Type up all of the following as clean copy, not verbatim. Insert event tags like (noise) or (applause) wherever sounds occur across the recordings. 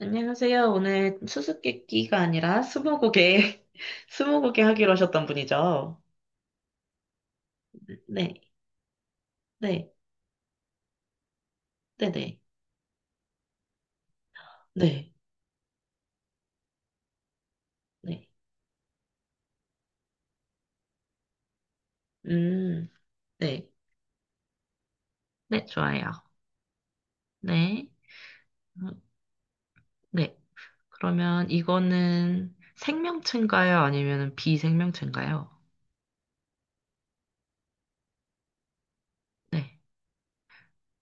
안녕하세요. 오늘 수수께끼가 아니라 스무고개, (laughs) 스무고개 하기로 하셨던 분이죠? 네, 네, 네 네, 네, 네. 네. 음, 네, 네, 좋아요. 네, 음, 네. 그러면 이거는 생명체인가요? 아니면 비생명체인가요? 네,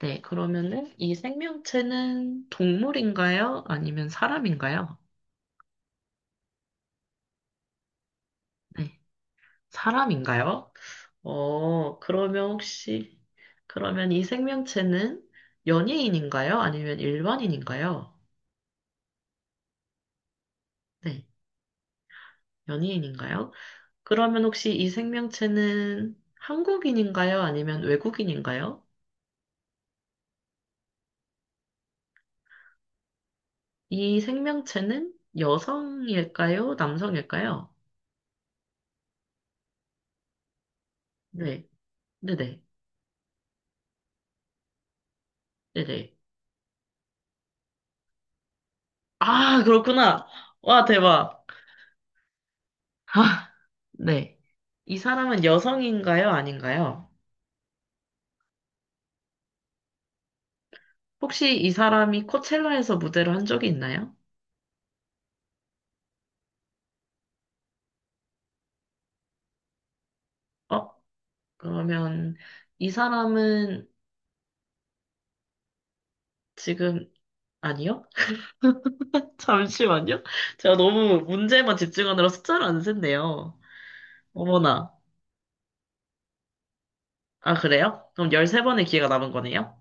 네. 그러면은 이 생명체는 동물인가요? 아니면 사람인가요? 네. 사람인가요? 그러면 혹시, 그러면 이 생명체는 연예인인가요? 아니면 일반인인가요? 네, 연예인인가요? 그러면 혹시 이 생명체는 한국인인가요? 아니면 외국인인가요? 이 생명체는 여성일까요? 남성일까요? 네, 네네, 네네. 아, 그렇구나. 와, 대박. 아, 네. 이 사람은 여성인가요? 아닌가요? 혹시 이 사람이 코첼라에서 무대를 한 적이 있나요? 어, 그러면 이 사람은 지금 아니요? (laughs) 잠시만요. 제가 너무 문제만 집중하느라 숫자를 안 셌네요. 어머나. 아, 그래요? 그럼 13번의 기회가 남은 거네요?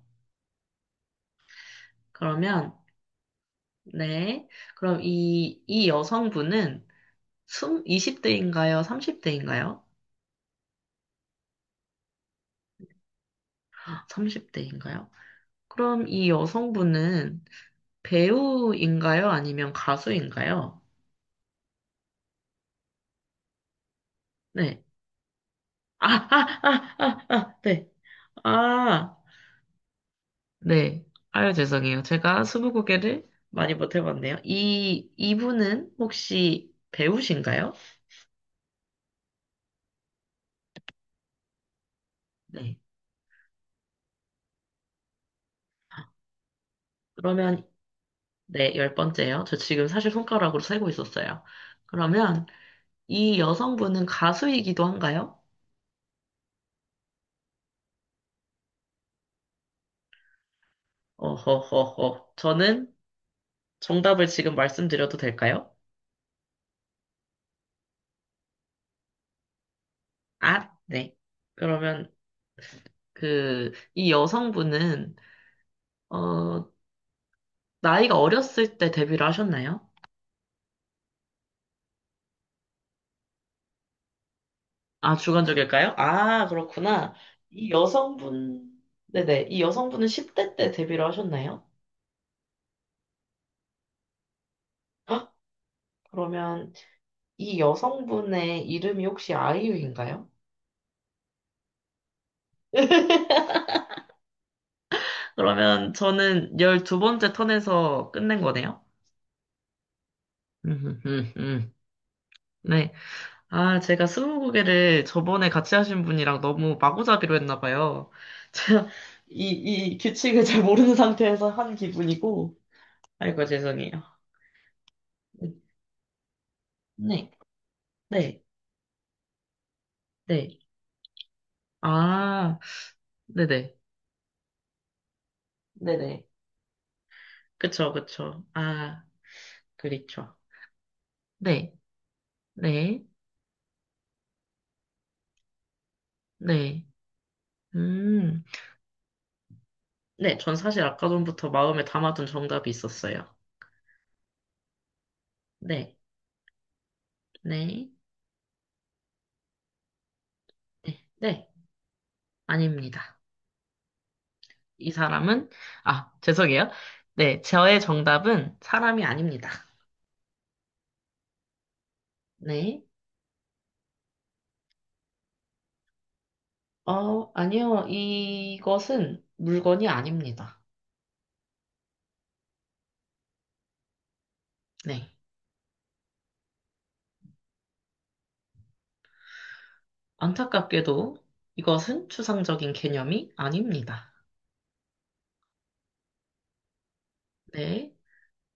그러면, 네. 그럼 이 여성분은 20대인가요? 30대인가요? 30대인가요? 그럼 이 여성분은 배우인가요? 아니면 가수인가요? 네. 아, 아, 아, 아, 아, 네. 아, 네. 아유, 죄송해요. 제가 스무고개를 많이 못 해봤네요. 이분은 혹시 배우신가요? 네. 그러면, 네, 열 번째요. 저 지금 사실 손가락으로 세고 있었어요. 그러면 이 여성분은 가수이기도 한가요? 어허허허. 저는 정답을 지금 말씀드려도 될까요? 아, 네. 그러면 그, 이 여성분은, 어, 나이가 어렸을 때 데뷔를 하셨나요? 아, 주관적일까요? 아, 그렇구나. 이 여성분, 네네. 이 여성분은 10대 때 데뷔를 하셨나요? 헉, 그러면 이 여성분의 이름이 혹시 아이유인가요? (laughs) 그러면 저는 12번째 턴에서 끝낸 거네요. (laughs) 음, 음, 음. 네. 아, 제가 스무고개를 저번에 같이 하신 분이랑 너무 마구잡이로 했나 봐요. (laughs) 제가 이 규칙을 잘 모르는 상태에서 한 기분이고. 아이고, 죄송해요. 네. 네. 네. 아, 네네. 네네. 그쵸, 그쵸. 아, 그렇죠. 네, 네, 네. 음, 네, 전 사실 아까 전부터 마음에 담아둔 정답이 있었어요. 네, 네, 네, 네. 아닙니다. 이 사람은, 아, 죄송해요. 네, 저의 정답은 사람이 아닙니다. 네. 아니요. 이것은 물건이 아닙니다. 네. 안타깝게도 이것은 추상적인 개념이 아닙니다. 네.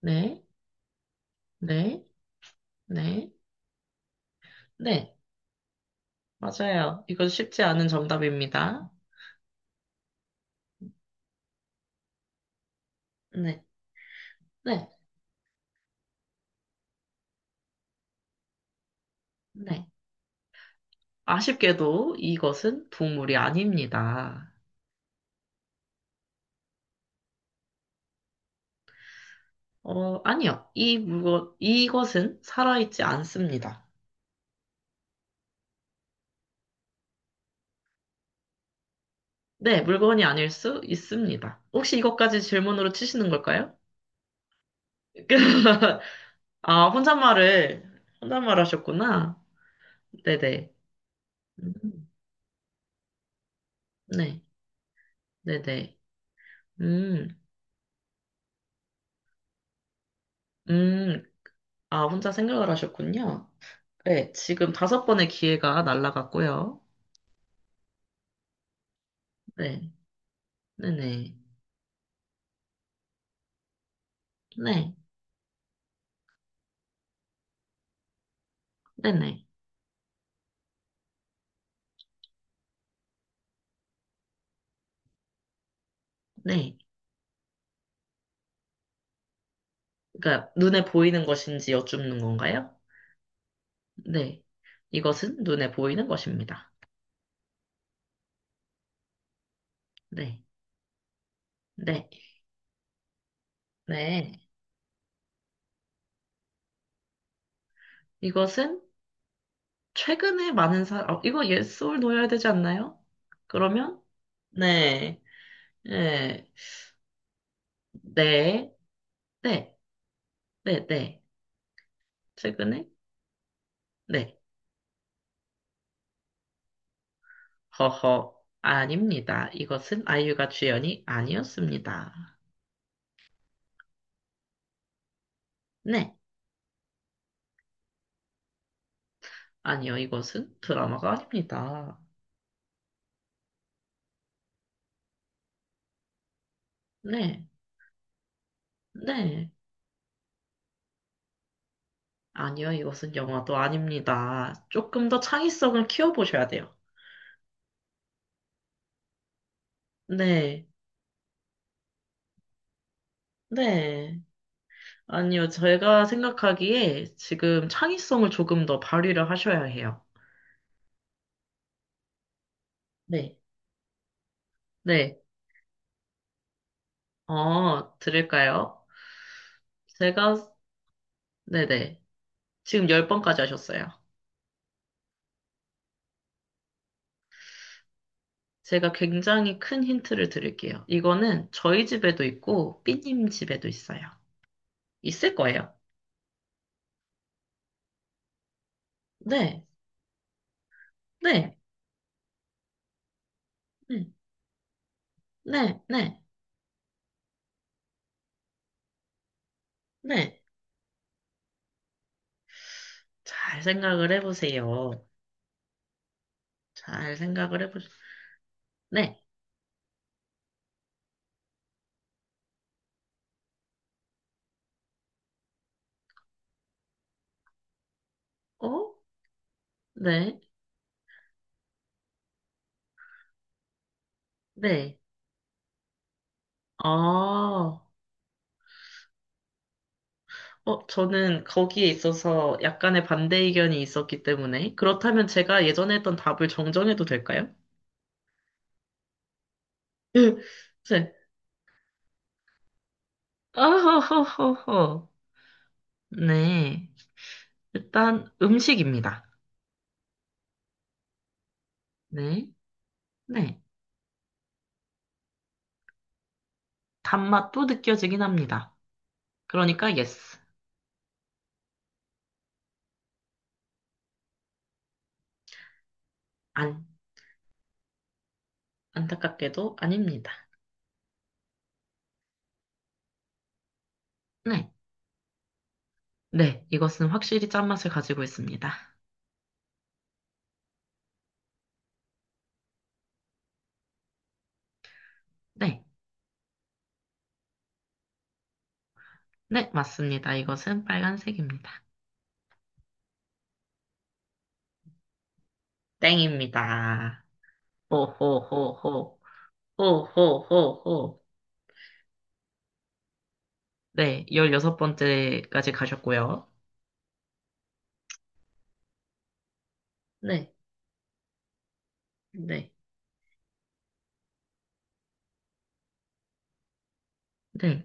네, 네, 네, 네, 맞아요. 이건 쉽지 않은 정답입니다. 네, 네, 네. 아쉽게도 이것은 동물이 아닙니다. 아니요. 이 물건, 이것은 살아있지 않습니다. 네, 물건이 아닐 수 있습니다. 혹시 이것까지 질문으로 치시는 걸까요? (laughs) 아, 혼잣말을, 혼잣말 하셨구나. 네네. 음, 네, 네네. 음, 음, 아, 혼자 생각을 하셨군요. 네, 지금 다섯 번의 기회가 날라갔고요. 네, 네네, 네, 네네, 네. 그러니까 눈에 보이는 것인지 여쭙는 건가요? 네, 이것은 눈에 보이는 것입니다. 네, 네, 네. 이것은 최근에 많은 사람, 어, 이거 yes or no여야 되지 않나요? 그러면 네, 네, 네, 네, 네, 네. 최근에 네, 허허, 아닙니다. 이것은 아이유가 주연이 아니었습니다. 네. 아니요, 이것은 드라마가 아닙니다. 네. 네. 아니요, 이것은 영화도 아닙니다. 조금 더 창의성을 키워보셔야 돼요. 네. 네. 아니요, 제가 생각하기에 지금 창의성을 조금 더 발휘를 하셔야 해요. 네. 네. 들을까요? 제가, 네네. 지금 10번까지 하셨어요. 제가 굉장히 큰 힌트를 드릴게요. 이거는 저희 집에도 있고, 삐님 집에도 있어요. 있을 거예요. 네. 네, 네, 네, 네, 네. 잘 생각을 해보세요. 잘 생각을 해보세요. 네, 어? 네, 네. 아, 어, 저는 거기에 있어서 약간의 반대 의견이 있었기 때문에. 그렇다면 제가 예전에 했던 답을 정정해도 될까요? (laughs) 네. 아허허허허. 네. 일단 음식입니다. 네, 네. 단맛도 느껴지긴 합니다. 그러니까 yes. 안, 안타깝게도 아닙니다. 네. 네, 이것은 확실히 짠맛을 가지고 있습니다. 네, 네, 맞습니다. 이것은 빨간색입니다. 땡입니다. 호호호호, 호호호호. 네, 열여섯 번째까지 가셨고요. 네, 네, 네,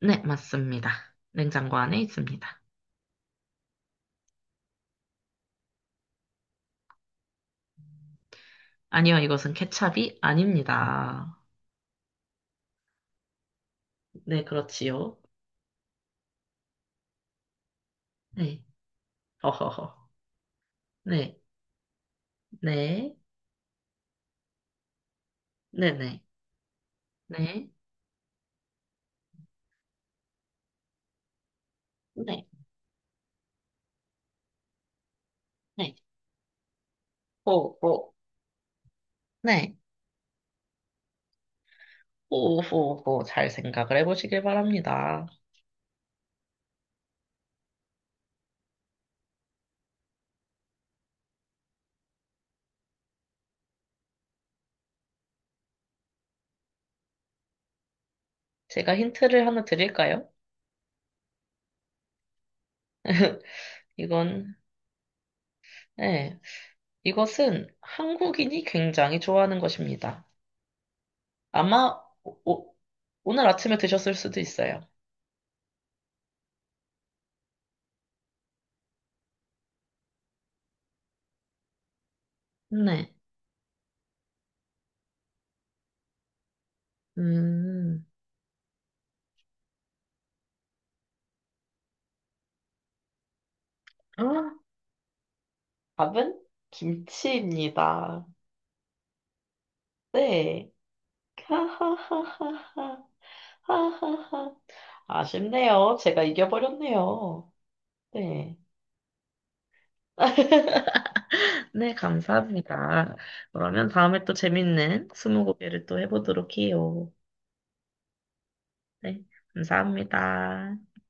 네, 맞습니다. 냉장고 안에 있습니다. 아니요, 이것은 케찹이 아닙니다. 네, 그렇지요. 네, 허허허. 네, 네, 네네, 네, 네, 네, 호, 호. 네. 호호. 호호호 잘 생각을 해보시길 바랍니다. 제가 힌트를 하나 드릴까요? (laughs) 이건, 네, 이것은 한국인이 굉장히 좋아하는 것입니다. 아마 오늘 아침에 드셨을 수도 있어요. 네. 음. 아, 답은 김치입니다. 네. 하하하하하. 하하하. 아쉽네요. 제가 이겨버렸네요. 네. (laughs) 네, 감사합니다. 그러면 다음에 또 재밌는 스무고개를 또 해보도록 해요. 네, 감사합니다.